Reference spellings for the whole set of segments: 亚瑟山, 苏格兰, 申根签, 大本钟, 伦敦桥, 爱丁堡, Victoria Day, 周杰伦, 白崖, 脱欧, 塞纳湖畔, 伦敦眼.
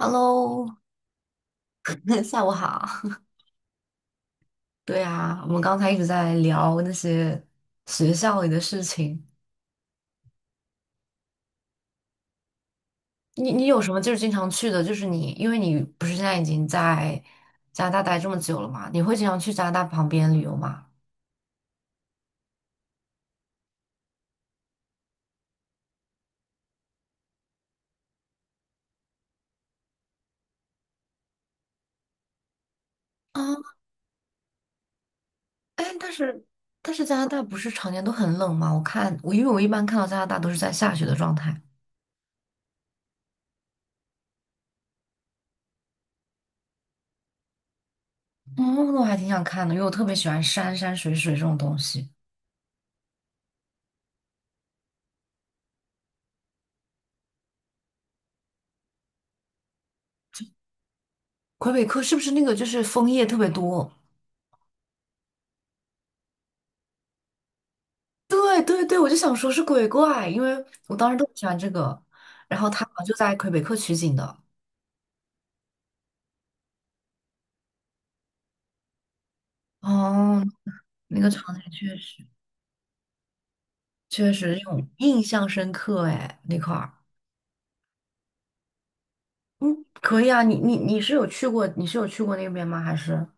Hello，下午好。对啊，我们刚才一直在聊那些学校里的事情。你有什么就是经常去的？就是你，因为你不是现在已经在加拿大待这么久了嘛，你会经常去加拿大旁边旅游吗？啊，哎，但是加拿大不是常年都很冷吗？我看，因为一般看到加拿大都是在下雪的状态。嗯，那我还挺想看的，因为我特别喜欢山山水水这种东西。魁北克是不是那个就是枫叶特别多？对对对，我就想说是鬼怪，因为我当时特别喜欢这个，然后他好像就在魁北克取景的。哦，那个场景确实有印象深刻哎，那块儿。嗯，可以啊，你是有去过，你是有去过那边吗？还是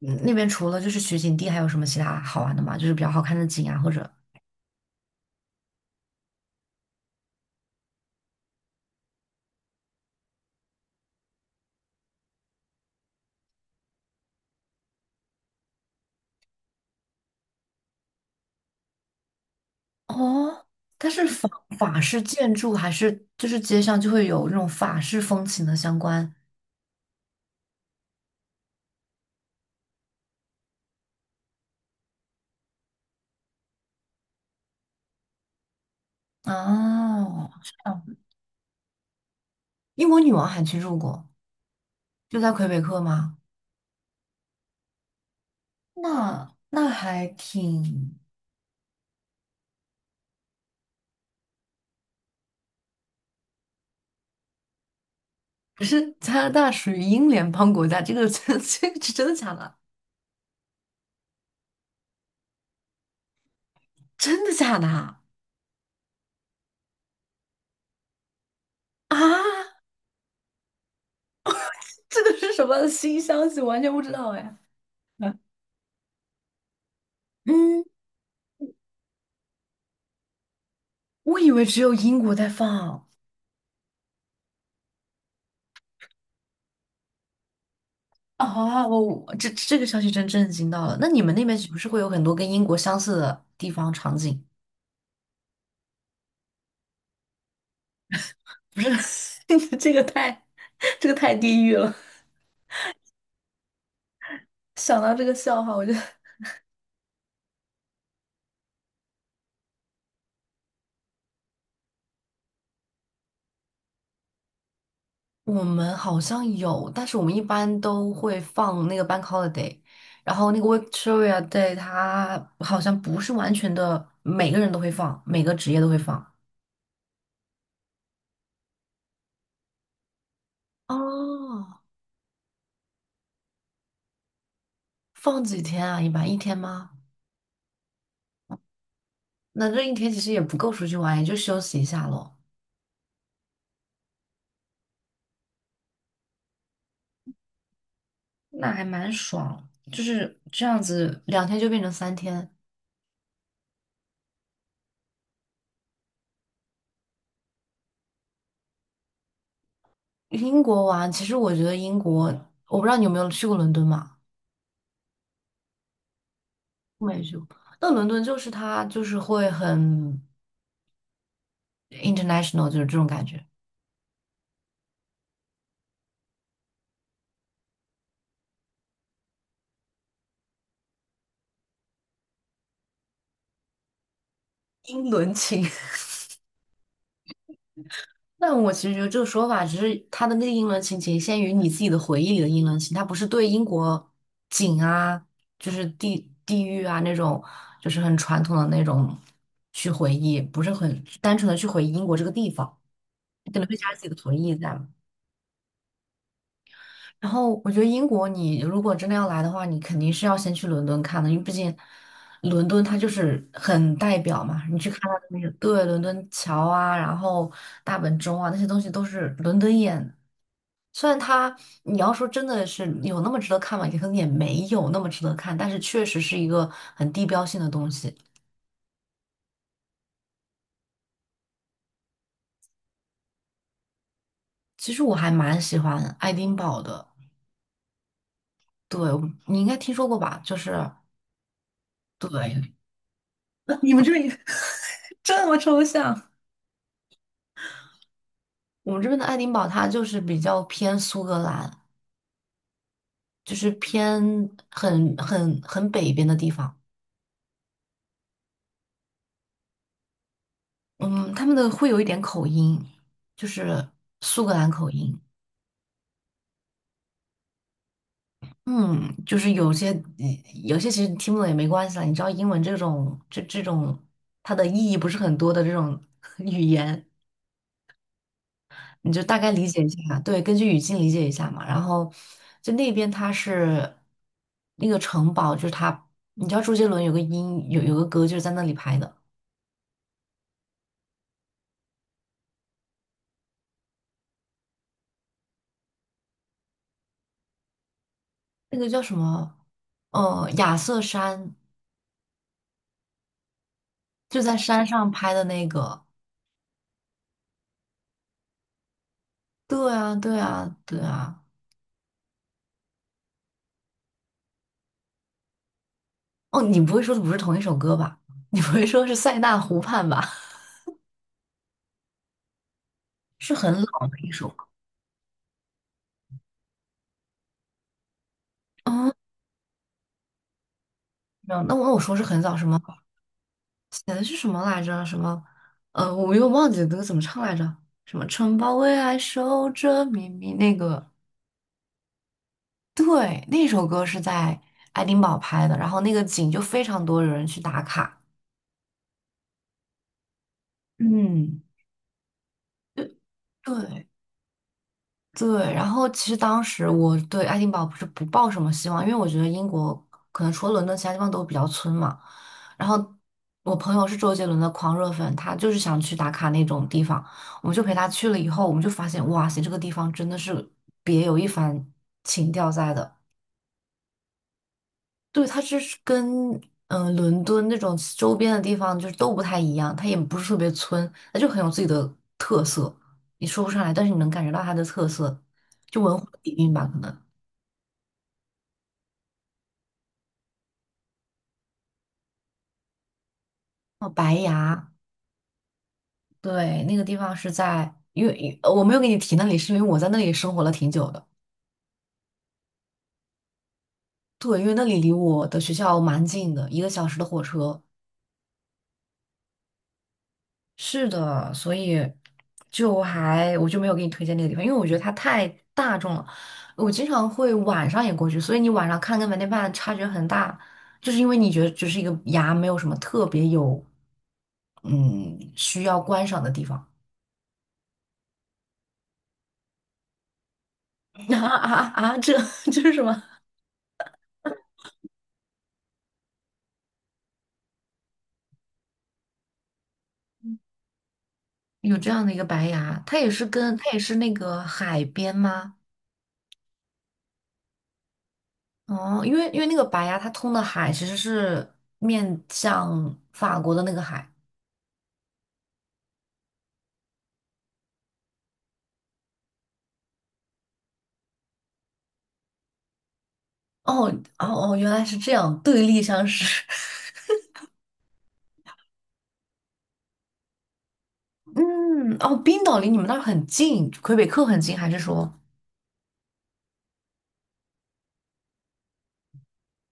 那边除了就是取景地，还有什么其他好玩的吗？就是比较好看的景啊，或者。哦，它是法式建筑，还是就是街上就会有那种法式风情的相关？哦，这样。英国女王还去住过。就在魁北克吗？那还挺，可是加拿大属于英联邦国家，这个真 这个是真的假的？真的假的啊？啊，这个是什么新消息？我完全不知道哎。嗯，嗯，我以为只有英国在放。啊，我这个消息真震惊到了。那你们那边是不是会有很多跟英国相似的地方场景？不是，这个太这个太地狱了。想到这个笑话，我们好像有，但是我们一般都会放那个 bank holiday,然后那个 Victoria Day 它好像不是完全的，每个人都会放，每个职业都会放。哦，放几天啊？一般一天吗？那这一天其实也不够出去玩，也就休息一下咯。那还蛮爽，就是这样子，2天就变成3天。英国玩，其实我觉得英国，我不知道你有没有去过伦敦嘛？没去过。那伦敦就是它，就是会很 international 就是这种感觉。英伦情。但我其实觉得这个说法只是它的那个英伦情仅限于你自己的回忆里的英伦情，它不是对英国景啊，就是地域啊那种，就是很传统的那种去回忆，不是很单纯的去回忆英国这个地方，可能会加入自己的回忆在。然后我觉得英国，你如果真的要来的话，你肯定是要先去伦敦看的，因为毕竟伦敦它就是很代表嘛。你去看它的那个，对，伦敦桥啊，然后大本钟啊，那些东西都是伦敦眼的。虽然它，你要说真的是有那么值得看嘛，也可能也没有那么值得看，但是确实是一个很地标性的东西。其实我还蛮喜欢爱丁堡的，对，你应该听说过吧？就是对，你们这里 这么抽象。我们这边的爱丁堡，它就是比较偏苏格兰，就是偏很北边的地方。嗯，他们的会有一点口音，就是苏格兰口音。嗯，就是有些其实你听不懂也没关系啦。你知道英文这种它的意义不是很多的这种 语言，你就大概理解一下，对，根据语境理解一下嘛。然后就那边它是那个城堡，就是它，你知道周杰伦有个音有有个歌就是在那里拍的，那个叫什么？亚瑟山，就在山上拍的那个。对啊，对啊，对啊。哦，你不会说的不是同一首歌吧？你不会说是塞纳湖畔吧？是很老的一首歌。嗯，没有，那我说是很早什么？写的是什么来着？什么？我又忘记那个怎么唱来着？什么城堡为爱守着秘密？那个，对，那首歌是在爱丁堡拍的，然后那个景就非常多人去打卡。嗯，对对，对，然后其实当时我对爱丁堡不抱什么希望，因为我觉得英国可能除了伦敦，其他地方都比较村嘛。然后我朋友是周杰伦的狂热粉，他就是想去打卡那种地方，我们就陪他去了以后，我们就发现，哇塞，这个地方真的是别有一番情调在的。对，它就是跟伦敦那种周边的地方就是都不太一样，它也不是特别村，它就很有自己的特色，你说不上来，但是你能感觉到它的特色，就文化底蕴吧，可能。哦，白崖，对，那个地方是在，因为我没有给你提那里，是因为我在那里生活了挺久的。对，因为那里离我的学校蛮近的，1个小时的火车。是的，所以我就没有给你推荐那个地方，因为我觉得它太大众了。我经常会晚上也过去，所以你晚上看跟白天看差距很大，就是因为你觉得只是一个崖，没有什么特别有嗯需要观赏的地方。啊啊啊！这 这是什么？有这样的一个白崖，它也是那个海边吗？哦，因为那个白崖它通的海其实是面向法国的那个海。哦哦哦，原来是这样，对立相识。嗯，哦，冰岛离你们那儿很近，魁北克很近，还是说，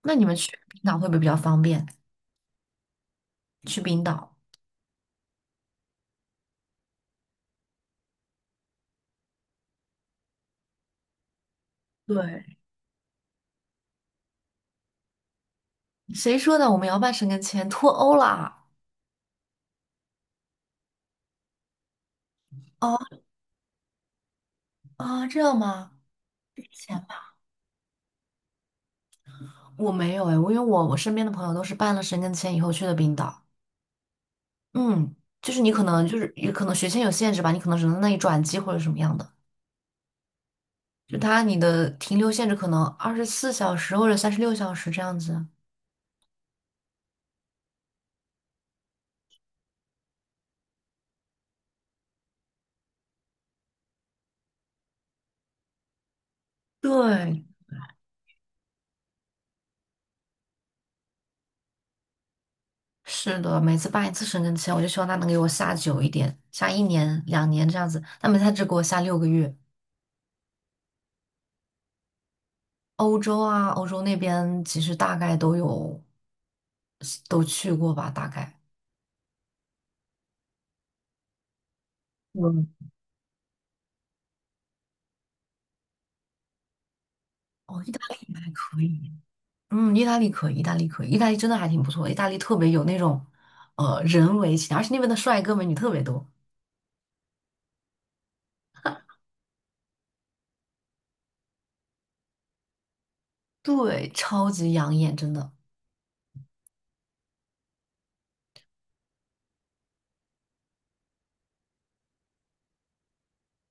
那你们去冰岛会不会比较方便？去冰岛，对，谁说的？我们要办申根签脱欧啦？哦，啊，这样吗？钱吧，我没有哎，我因为我身边的朋友都是办了申根签以后去的冰岛。嗯，就是你可能就是也可能学签有限制吧，你可能只能在那里转机或者什么样的，就它你的停留限制可能24小时或者36小时这样子。对，是的，每次办一次深圳签，我就希望他能给我下久一点，下1年、2年这样子。但每次他只给我下6个月。欧洲啊，欧洲那边其实大概都去过吧，大概。嗯，哦，意大利还可以，嗯，意大利可以，意大利可以，意大利真的还挺不错的。意大利特别有那种，人文情，而且那边的帅哥美女特别多，对，超级养眼，真的。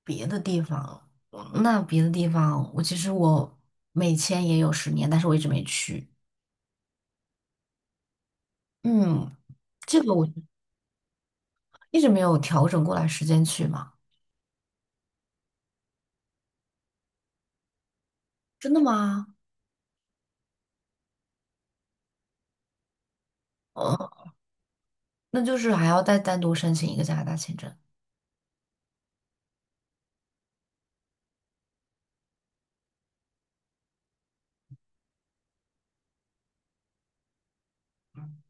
别的地方，那别的地方，我其实美签也有十年，但是我一直没去。嗯，这个我一直没有调整过来时间去嘛。真的吗？嗯，那就是还要再单独申请一个加拿大签证。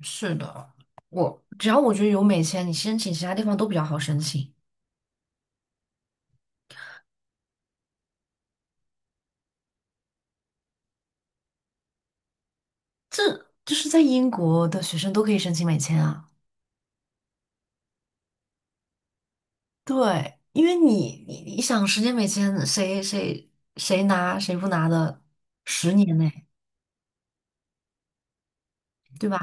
是的，我只要我觉得有美签，你申请其他地方都比较好申请。这就是在英国的学生都可以申请美签啊。对，因为你想十年美签，谁拿谁不拿的，10年内，对吧？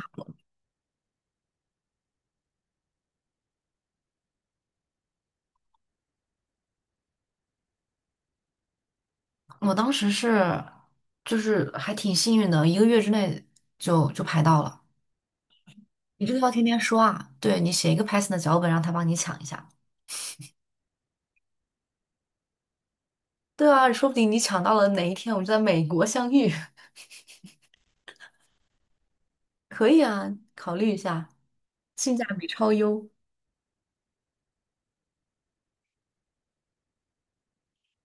我当时是就是还挺幸运的，1个月之内就排到了。你这个要天天说啊，对你写一个 Python 的脚本，让他帮你抢一下。对啊，说不定你抢到了哪一天，我们就在美国相遇。可以啊，考虑一下，性价比超优。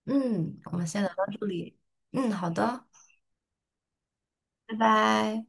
嗯，我们先聊到这里。嗯，好的。拜拜。